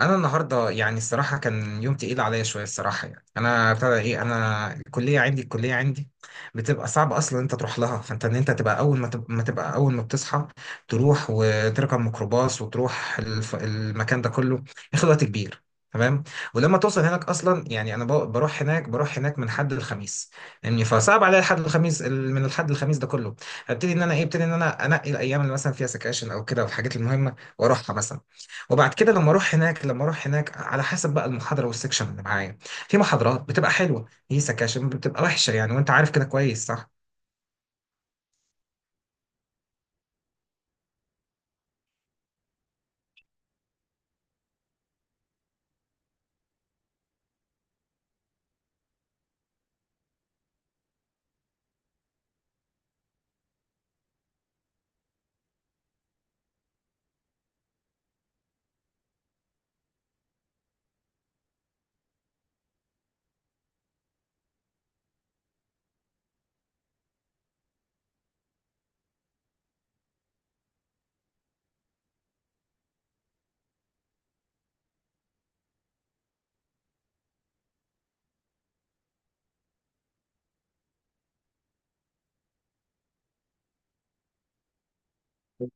انا النهارده، يعني الصراحه كان يوم تقيل عليا شويه الصراحه. يعني انا ابتدى ايه انا الكليه عندي، بتبقى صعب اصلا انت تروح لها. فانت ان انت تبقى اول ما تبقى, ما تبقى اول ما بتصحى تروح وتركب ميكروباص وتروح المكان ده كله، ياخد وقت كبير. تمام. ولما توصل هناك اصلا، يعني انا بروح هناك، من حد الخميس. يعني فصعب عليا من الحد الخميس ده كله. هبتدي ان انا ايه ابتدي ان انا انقي الايام اللي مثلا فيها سكاشن او كده والحاجات المهمه واروحها مثلا. وبعد كده لما اروح هناك، على حسب بقى المحاضره والسكشن اللي معايا. في محاضرات بتبقى حلوه، هي سكاشن بتبقى وحشه يعني، وانت عارف كده كويس، صح؟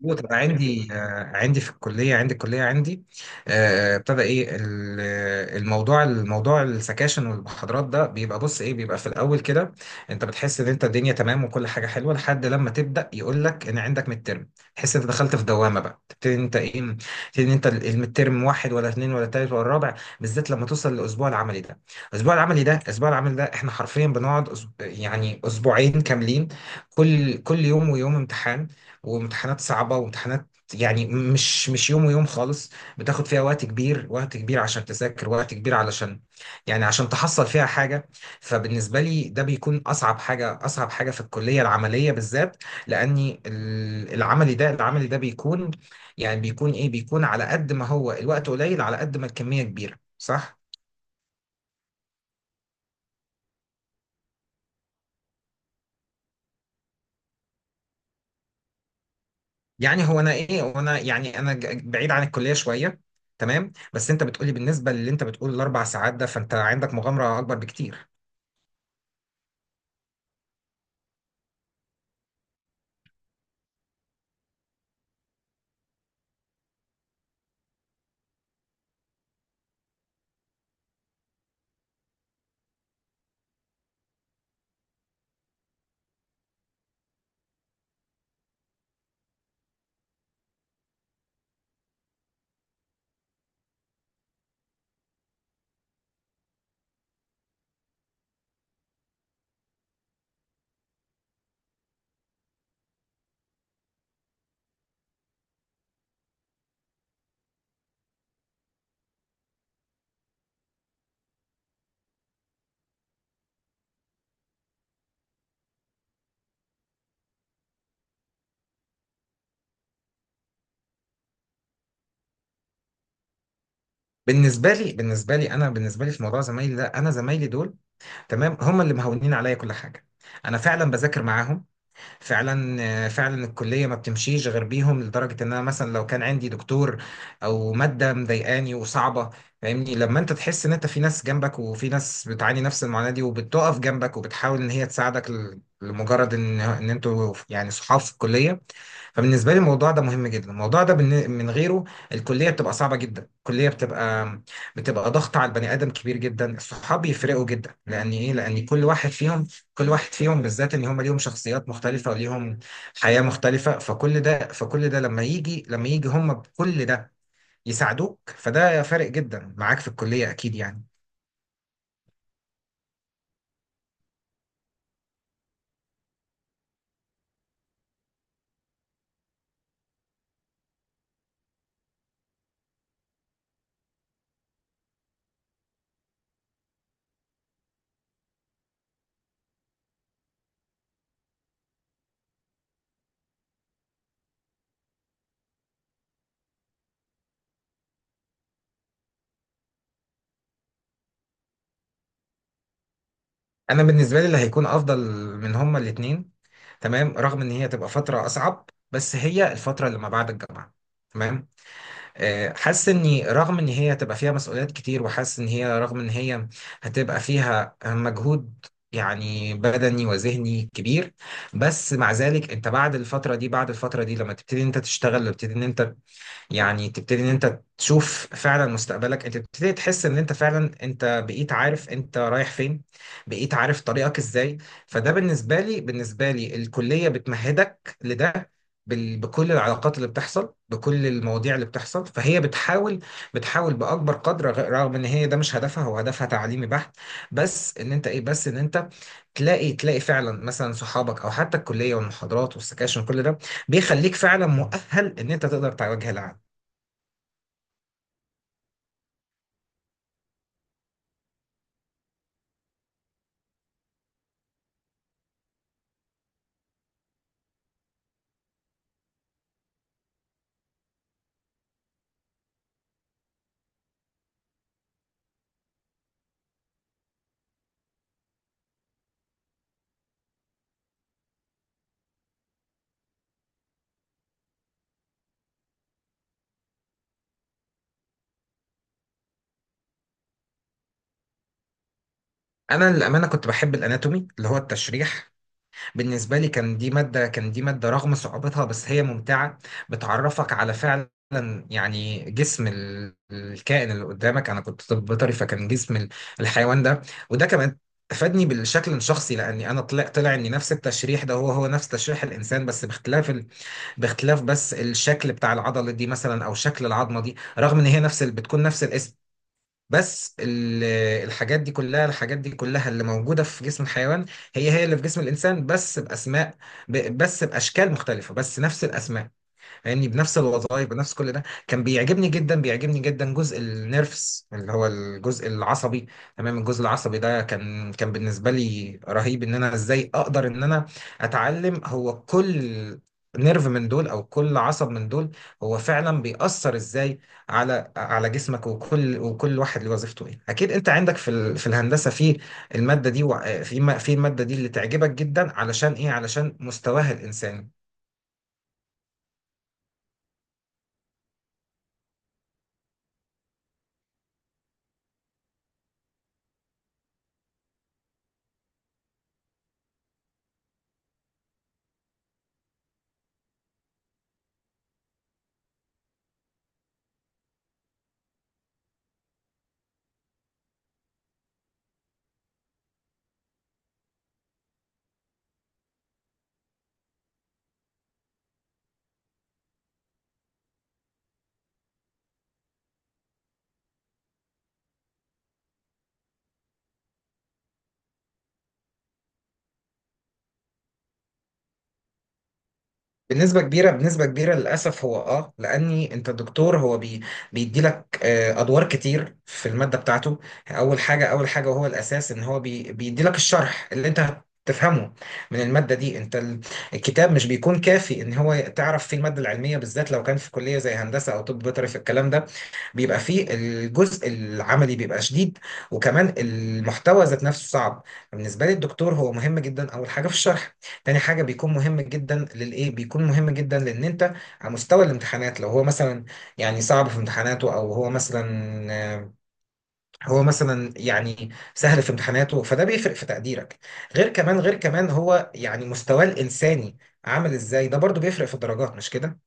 مظبوط. انا عندي عندي في الكليه، عندي الكليه عندي آه، ابتدى ايه ال- الموضوع. السكاشن والمحاضرات ده بيبقى بص ايه بيبقى في الاول كده، انت بتحس ان انت الدنيا تمام وكل حاجه حلوه، لحد لما تبدا يقول لك ان عندك ميد ترم. تحس انت دخلت في دوامه بقى، تبتدي ان انت الميد ترم واحد ولا اثنين ولا ثالث ولا رابع، بالذات لما توصل للاسبوع العملي ده. الاسبوع العملي ده احنا حرفيا بنقعد اسبوعين كاملين، كل يوم ويوم امتحان، وامتحانات صعبة وامتحانات. يعني مش يوم ويوم خالص، بتاخد فيها وقت كبير، عشان تذاكر، وقت كبير علشان يعني عشان تحصل فيها حاجة. فبالنسبة لي ده بيكون أصعب حاجة، في الكلية العملية بالذات، لأني العملي ده بيكون، يعني بيكون إيه بيكون على قد ما هو الوقت قليل على قد ما الكمية كبيرة، صح؟ يعني هو انا ايه وانا يعني انا ج- بعيد عن الكليه شويه. تمام. بس انت بتقولي بالنسبه للي انت بتقول الاربع ساعات ده، فانت عندك مغامره اكبر بكتير. بالنسبه لي، في موضوع زمايلي ده، انا زمايلي دول تمام، هم اللي مهونين عليا كل حاجه. انا فعلا بذاكر معاهم. فعلا الكليه ما بتمشيش غير بيهم، لدرجه ان انا مثلا لو كان عندي دكتور او ماده مضايقاني وصعبه، فاهمني لما انت تحس ان انت في ناس جنبك وفي ناس بتعاني نفس المعاناه دي وبتقف جنبك وبتحاول ان هي تساعدك، لمجرد ان انتوا يعني صحاب في الكليه. فبالنسبه لي الموضوع ده مهم جدا، الموضوع ده من غيره الكليه بتبقى صعبه جدا، الكليه بتبقى بتبقى ضغط على البني ادم كبير جدا. الصحاب بيفرقوا جدا، لان ايه؟ لان كل واحد فيهم، بالذات ان هم ليهم شخصيات مختلفه وليهم حياه مختلفه، فكل ده لما يجي هم بكل ده يساعدوك، فده فارق جدا معاك في الكليه، اكيد يعني. انا بالنسبه لي اللي هيكون افضل من هما الاثنين، تمام، رغم ان هي تبقى فتره اصعب، بس هي الفتره اللي ما بعد الجامعه. تمام. حاسس اني رغم ان هي هتبقى فيها مسؤوليات كتير، وحاسس ان هي رغم ان هي هتبقى فيها مجهود يعني بدني وذهني كبير، بس مع ذلك انت بعد الفترة دي، لما تبتدي انت تشتغل، وتبتدي ان انت يعني تبتدي ان انت تشوف فعلا مستقبلك، انت تبتدي تحس ان انت فعلا انت بقيت عارف انت رايح فين، بقيت عارف طريقك ازاي. فده بالنسبة لي، الكلية بتمهدك لده بكل العلاقات اللي بتحصل، بكل المواضيع اللي بتحصل. فهي بتحاول، بأكبر قدر رغم ان هي ده مش هدفها، هو هدفها تعليمي بحت، بس ان انت تلاقي، فعلا مثلا صحابك او حتى الكلية والمحاضرات والسكاشن، كل ده بيخليك فعلا مؤهل ان انت تقدر تواجه العالم. انا للامانه كنت بحب الاناتومي اللي هو التشريح. بالنسبه لي كان دي ماده، رغم صعوبتها بس هي ممتعه، بتعرفك على فعلا يعني جسم الكائن اللي قدامك. انا كنت طب بيطري، فكان جسم الحيوان ده، وده كمان فادني بالشكل الشخصي، لاني انا طلع، ان نفس التشريح ده هو نفس تشريح الانسان، بس باختلاف بس الشكل بتاع العضله دي مثلا او شكل العظمه دي، رغم ان هي نفس بتكون نفس الاسم، بس الحاجات دي كلها، اللي موجودة في جسم الحيوان هي هي اللي في جسم الإنسان، بس بأسماء ب- بس بأشكال مختلفة بس نفس الأسماء، يعني بنفس الوظائف بنفس كل ده. كان بيعجبني جدا، جزء النيرفس اللي هو الجزء العصبي، تمام. الجزء العصبي ده كان، بالنسبه لي رهيب ان انا ازاي اقدر ان انا اتعلم هو كل نيرف من دول او كل عصب من دول هو فعلا بيأثر ازاي على جسمك، وكل واحد له وظيفته ايه. اكيد انت عندك في في الهندسه في الماده دي، وع- في ما- في الماده دي اللي تعجبك جدا، علشان ايه؟ علشان مستواها الانساني. بنسبة كبيرة، للأسف، هو لأني أنت الدكتور هو بيدي لك أدوار كتير في المادة بتاعته. أول حاجة، وهو الأساس، إن هو بيدي لك الشرح اللي أنت تفهمه من المادة دي. أنت الكتاب مش بيكون كافي إن هو تعرف فيه المادة العلمية، بالذات لو كان في كلية زي هندسة أو طب بيطري، في الكلام ده بيبقى فيه الجزء العملي بيبقى شديد، وكمان المحتوى ذات نفسه صعب. بالنسبة لي الدكتور هو مهم جدا أول حاجة في الشرح، تاني حاجة بيكون مهم جدا للإيه؟ بيكون مهم جدا لأن أنت على مستوى الامتحانات، لو هو مثلا يعني صعب في امتحاناته، أو هو مثلا آه، هو مثلا يعني سهل في امتحاناته، فده بيفرق في تقديرك. غير كمان، هو يعني مستواه الإنساني عامل إزاي، ده برضو بيفرق في الدرجات، مش كده؟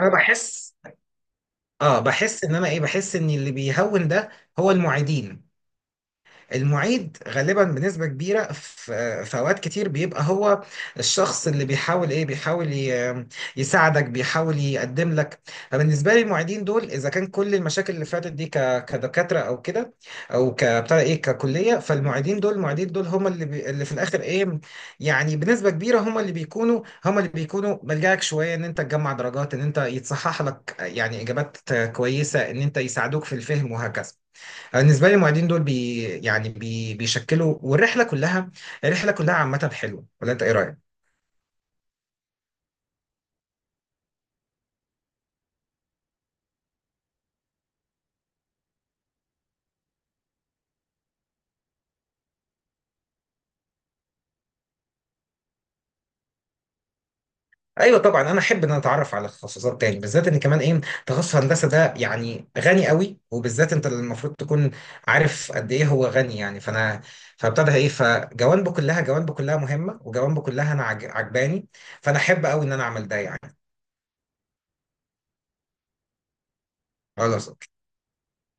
أنا بحس، بحس إن أنا إيه؟ بحس إن اللي بيهون ده هو المعيدين. المعيد غالبا بنسبة كبيرة في أوقات كتير بيبقى هو الشخص اللي بيحاول إيه، بيحاول يساعدك، بيحاول يقدم لك. فبالنسبة لي المعيدين دول إذا كان كل المشاكل اللي فاتت دي كدكاترة أو كده أو كبتاع إيه ككلية، فالمعيدين دول، المعيدين دول هم اللي اللي في الآخر إيه، يعني بنسبة كبيرة هم اللي بيكونوا، ملجأك شوية إن أنت تجمع درجات، إن أنت يتصحح لك يعني إجابات كويسة، إن أنت يساعدوك في الفهم، وهكذا. أنا بالنسبه لي المعيدين دول بي يعني بي بيشكلوا. والرحله كلها، الرحله كلها عامه حلوه، ولا انت ايه رايك؟ ايوه طبعا، انا احب ان انا اتعرف على تخصصات تاني، بالذات ان كمان ايه، تخصص هندسه ده يعني غني قوي، وبالذات انت المفروض تكون عارف قد ايه هو غني يعني. فانا فابتدى ايه فجوانبه كلها، جوانبه كلها مهمه وجوانبه كلها انا عجباني. فانا احب قوي ان انا اعمل ده يعني. خلاص.